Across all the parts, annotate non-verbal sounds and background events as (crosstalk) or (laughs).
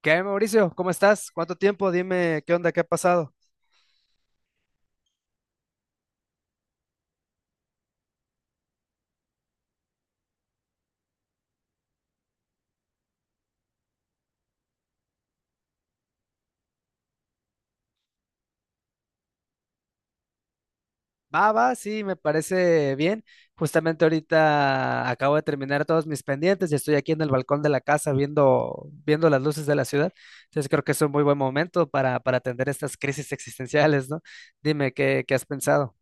¿Qué, hay, Mauricio? ¿Cómo estás? ¿Cuánto tiempo? Dime qué onda, qué ha pasado. Va, va, sí, me parece bien. Justamente ahorita acabo de terminar todos mis pendientes y estoy aquí en el balcón de la casa viendo, las luces de la ciudad. Entonces creo que es un muy buen momento para atender estas crisis existenciales, ¿no? Dime qué, has pensado.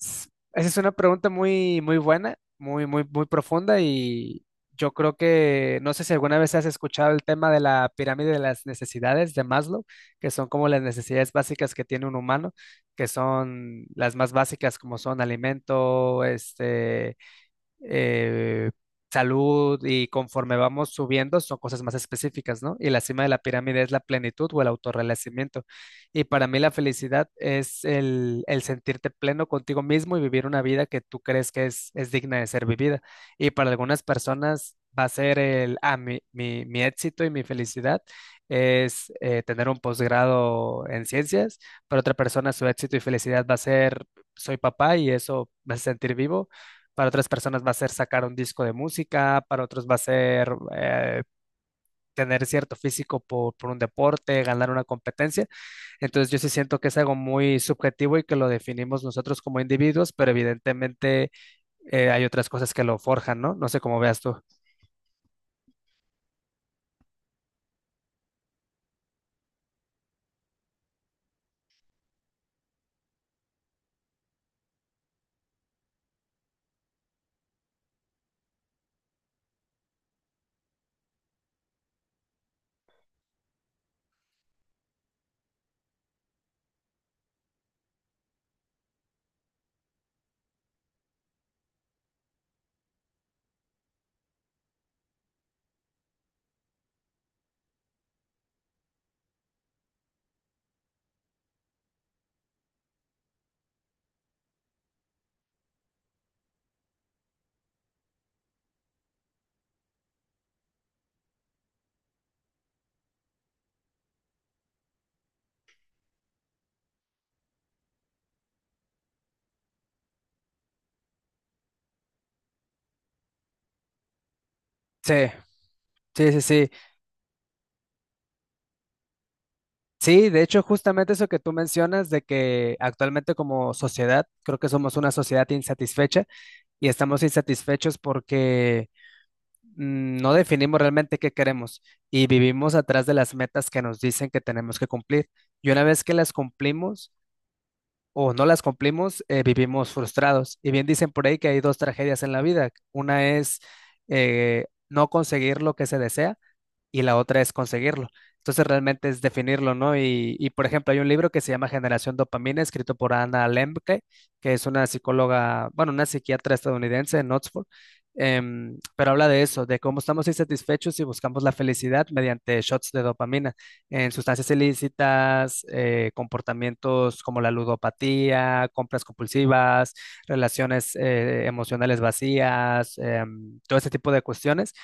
Esa es una pregunta muy, muy buena, muy, muy, muy profunda y yo creo que, no sé si alguna vez has escuchado el tema de la pirámide de las necesidades de Maslow, que son como las necesidades básicas que tiene un humano, que son las más básicas como son alimento, eh, salud, y conforme vamos subiendo son cosas más específicas, ¿no? Y la cima de la pirámide es la plenitud o el autorrealacimiento. Y para mí la felicidad es el sentirte pleno contigo mismo y vivir una vida que tú crees que es digna de ser vivida. Y para algunas personas va a ser el, ah, mi éxito y mi felicidad es tener un posgrado en ciencias. Para otra persona su éxito y felicidad va a ser, soy papá y eso me hace sentir vivo. Para otras personas va a ser sacar un disco de música, para otros va a ser tener cierto físico por, un deporte, ganar una competencia. Entonces yo sí siento que es algo muy subjetivo y que lo definimos nosotros como individuos, pero evidentemente hay otras cosas que lo forjan, ¿no? No sé cómo veas tú. Sí, sí, sí, sí. Sí, de hecho, justamente eso que tú mencionas de que actualmente como sociedad, creo que somos una sociedad insatisfecha y estamos insatisfechos porque no definimos realmente qué queremos y vivimos atrás de las metas que nos dicen que tenemos que cumplir. Y una vez que las cumplimos o no las cumplimos, vivimos frustrados. Y bien dicen por ahí que hay dos tragedias en la vida. Una es no conseguir lo que se desea y la otra es conseguirlo. Entonces realmente es definirlo, ¿no? Por ejemplo, hay un libro que se llama Generación Dopamina, escrito por Anna Lemke, que es una psicóloga, bueno, una psiquiatra estadounidense en Oxford, pero habla de eso, de cómo estamos insatisfechos y buscamos la felicidad mediante shots de dopamina en sustancias ilícitas, comportamientos como la ludopatía, compras compulsivas, relaciones emocionales vacías, todo ese tipo de cuestiones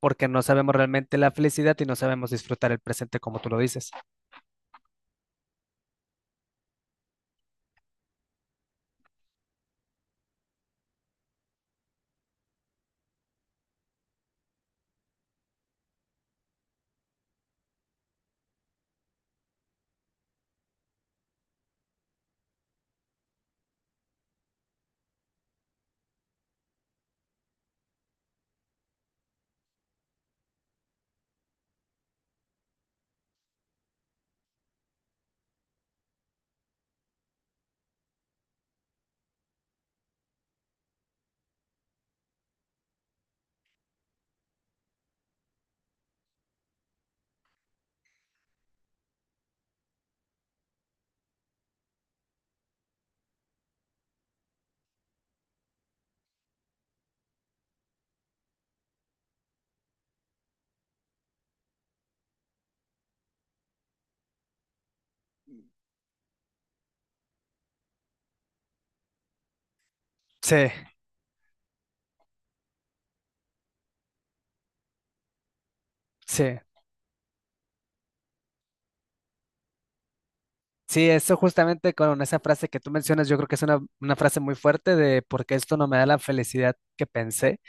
porque no sabemos realmente la felicidad y no sabemos disfrutar el presente como tú lo dices. Sí, sí. Sí, eso justamente con esa frase que tú mencionas, yo creo que es una frase muy fuerte de porque esto no me da la felicidad que pensé,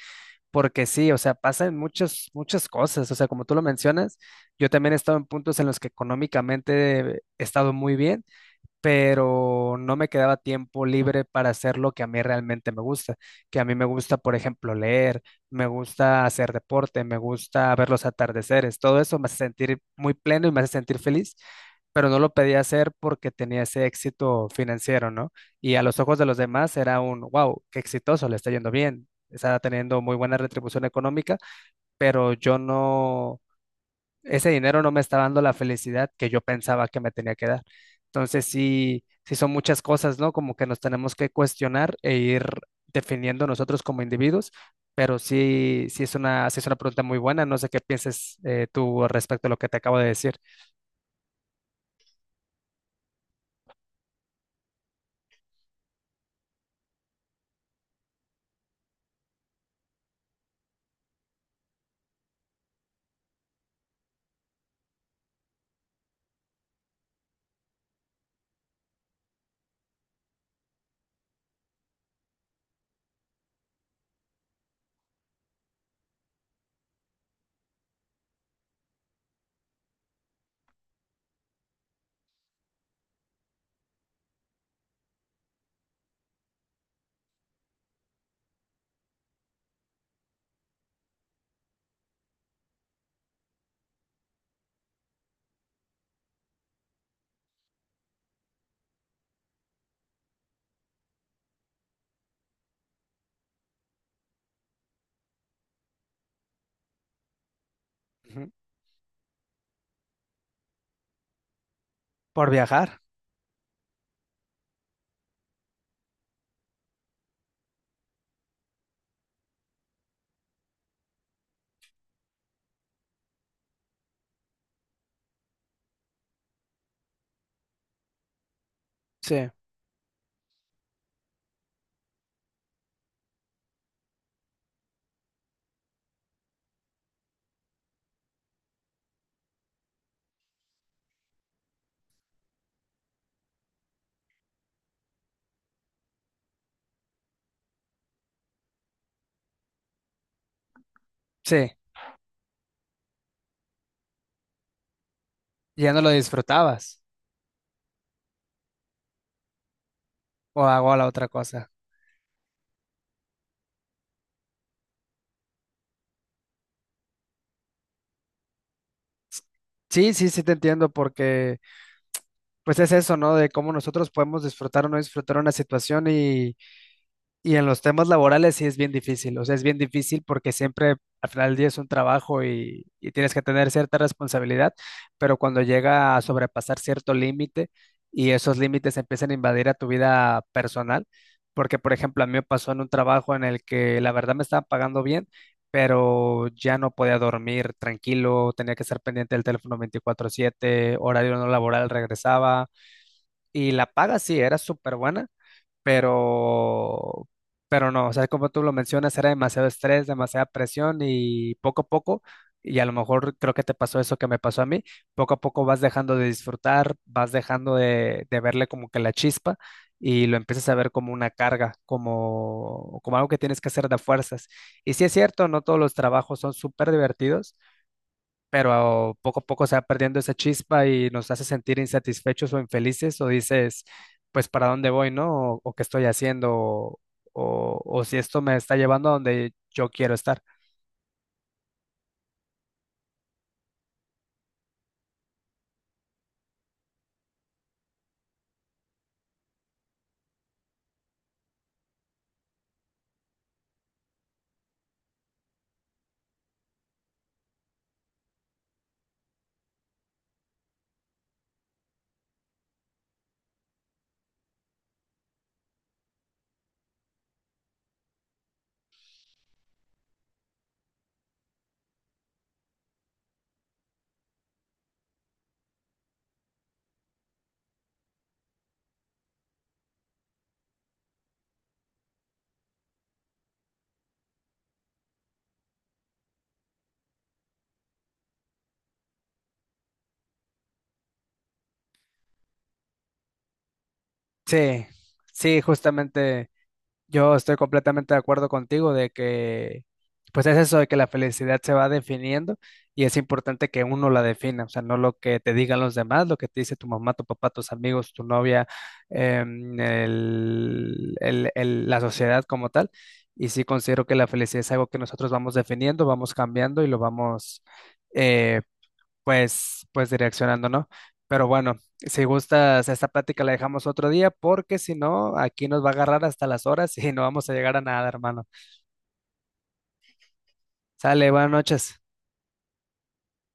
porque sí, o sea, pasan muchas, muchas cosas, o sea, como tú lo mencionas, yo también he estado en puntos en los que económicamente he estado muy bien, pero no me quedaba tiempo libre para hacer lo que a mí realmente me gusta, que a mí me gusta, por ejemplo, leer, me gusta hacer deporte, me gusta ver los atardeceres, todo eso me hace sentir muy pleno y me hace sentir feliz, pero no lo podía hacer porque tenía ese éxito financiero, ¿no? Y a los ojos de los demás era un, wow, qué exitoso, le está yendo bien, está teniendo muy buena retribución económica, pero yo no, ese dinero no me está dando la felicidad que yo pensaba que me tenía que dar. Entonces sí, sí son muchas cosas, ¿no? Como que nos tenemos que cuestionar e ir definiendo nosotros como individuos, pero sí, sí es una pregunta muy buena. No sé qué pienses tú respecto a lo que te acabo de decir. Ujú. Por viajar, sí, sí, ya no lo disfrutabas o hago la otra cosa. Sí, sí, sí te entiendo porque pues es eso, ¿no? De cómo nosotros podemos disfrutar o no disfrutar una situación. Y en los temas laborales sí es bien difícil, o sea, es bien difícil porque siempre al final del día es un trabajo y tienes que tener cierta responsabilidad, pero cuando llega a sobrepasar cierto límite y esos límites empiezan a invadir a tu vida personal, porque por ejemplo a mí me pasó en un trabajo en el que la verdad me estaban pagando bien, pero ya no podía dormir tranquilo, tenía que estar pendiente del teléfono 24/7, horario no laboral regresaba y la paga sí era súper buena pero, no, o sea, como tú lo mencionas, era demasiado estrés, demasiada presión y poco a poco, y a lo mejor creo que te pasó eso que me pasó a mí, poco a poco vas dejando de disfrutar, vas dejando de verle como que la chispa y lo empiezas a ver como una carga, como, algo que tienes que hacer de fuerzas. Y sí es cierto, no todos los trabajos son súper divertidos, pero poco a poco se va perdiendo esa chispa y nos hace sentir insatisfechos o infelices, o dices, pues, ¿para dónde voy, no? O qué estoy haciendo, o si esto me está llevando a donde yo quiero estar. Sí, sí, justamente. Yo estoy completamente de acuerdo contigo de que, pues es eso de que la felicidad se va definiendo y es importante que uno la defina, o sea, no lo que te digan los demás, lo que te dice tu mamá, tu papá, tus amigos, tu novia, la sociedad como tal. Y sí considero que la felicidad es algo que nosotros vamos definiendo, vamos cambiando y lo vamos eh, pues, direccionando, ¿no? Pero bueno, si gustas, esta plática la dejamos otro día porque si no, aquí nos va a agarrar hasta las horas (laughs) y no vamos a llegar a nada, hermano. Sale, buenas noches.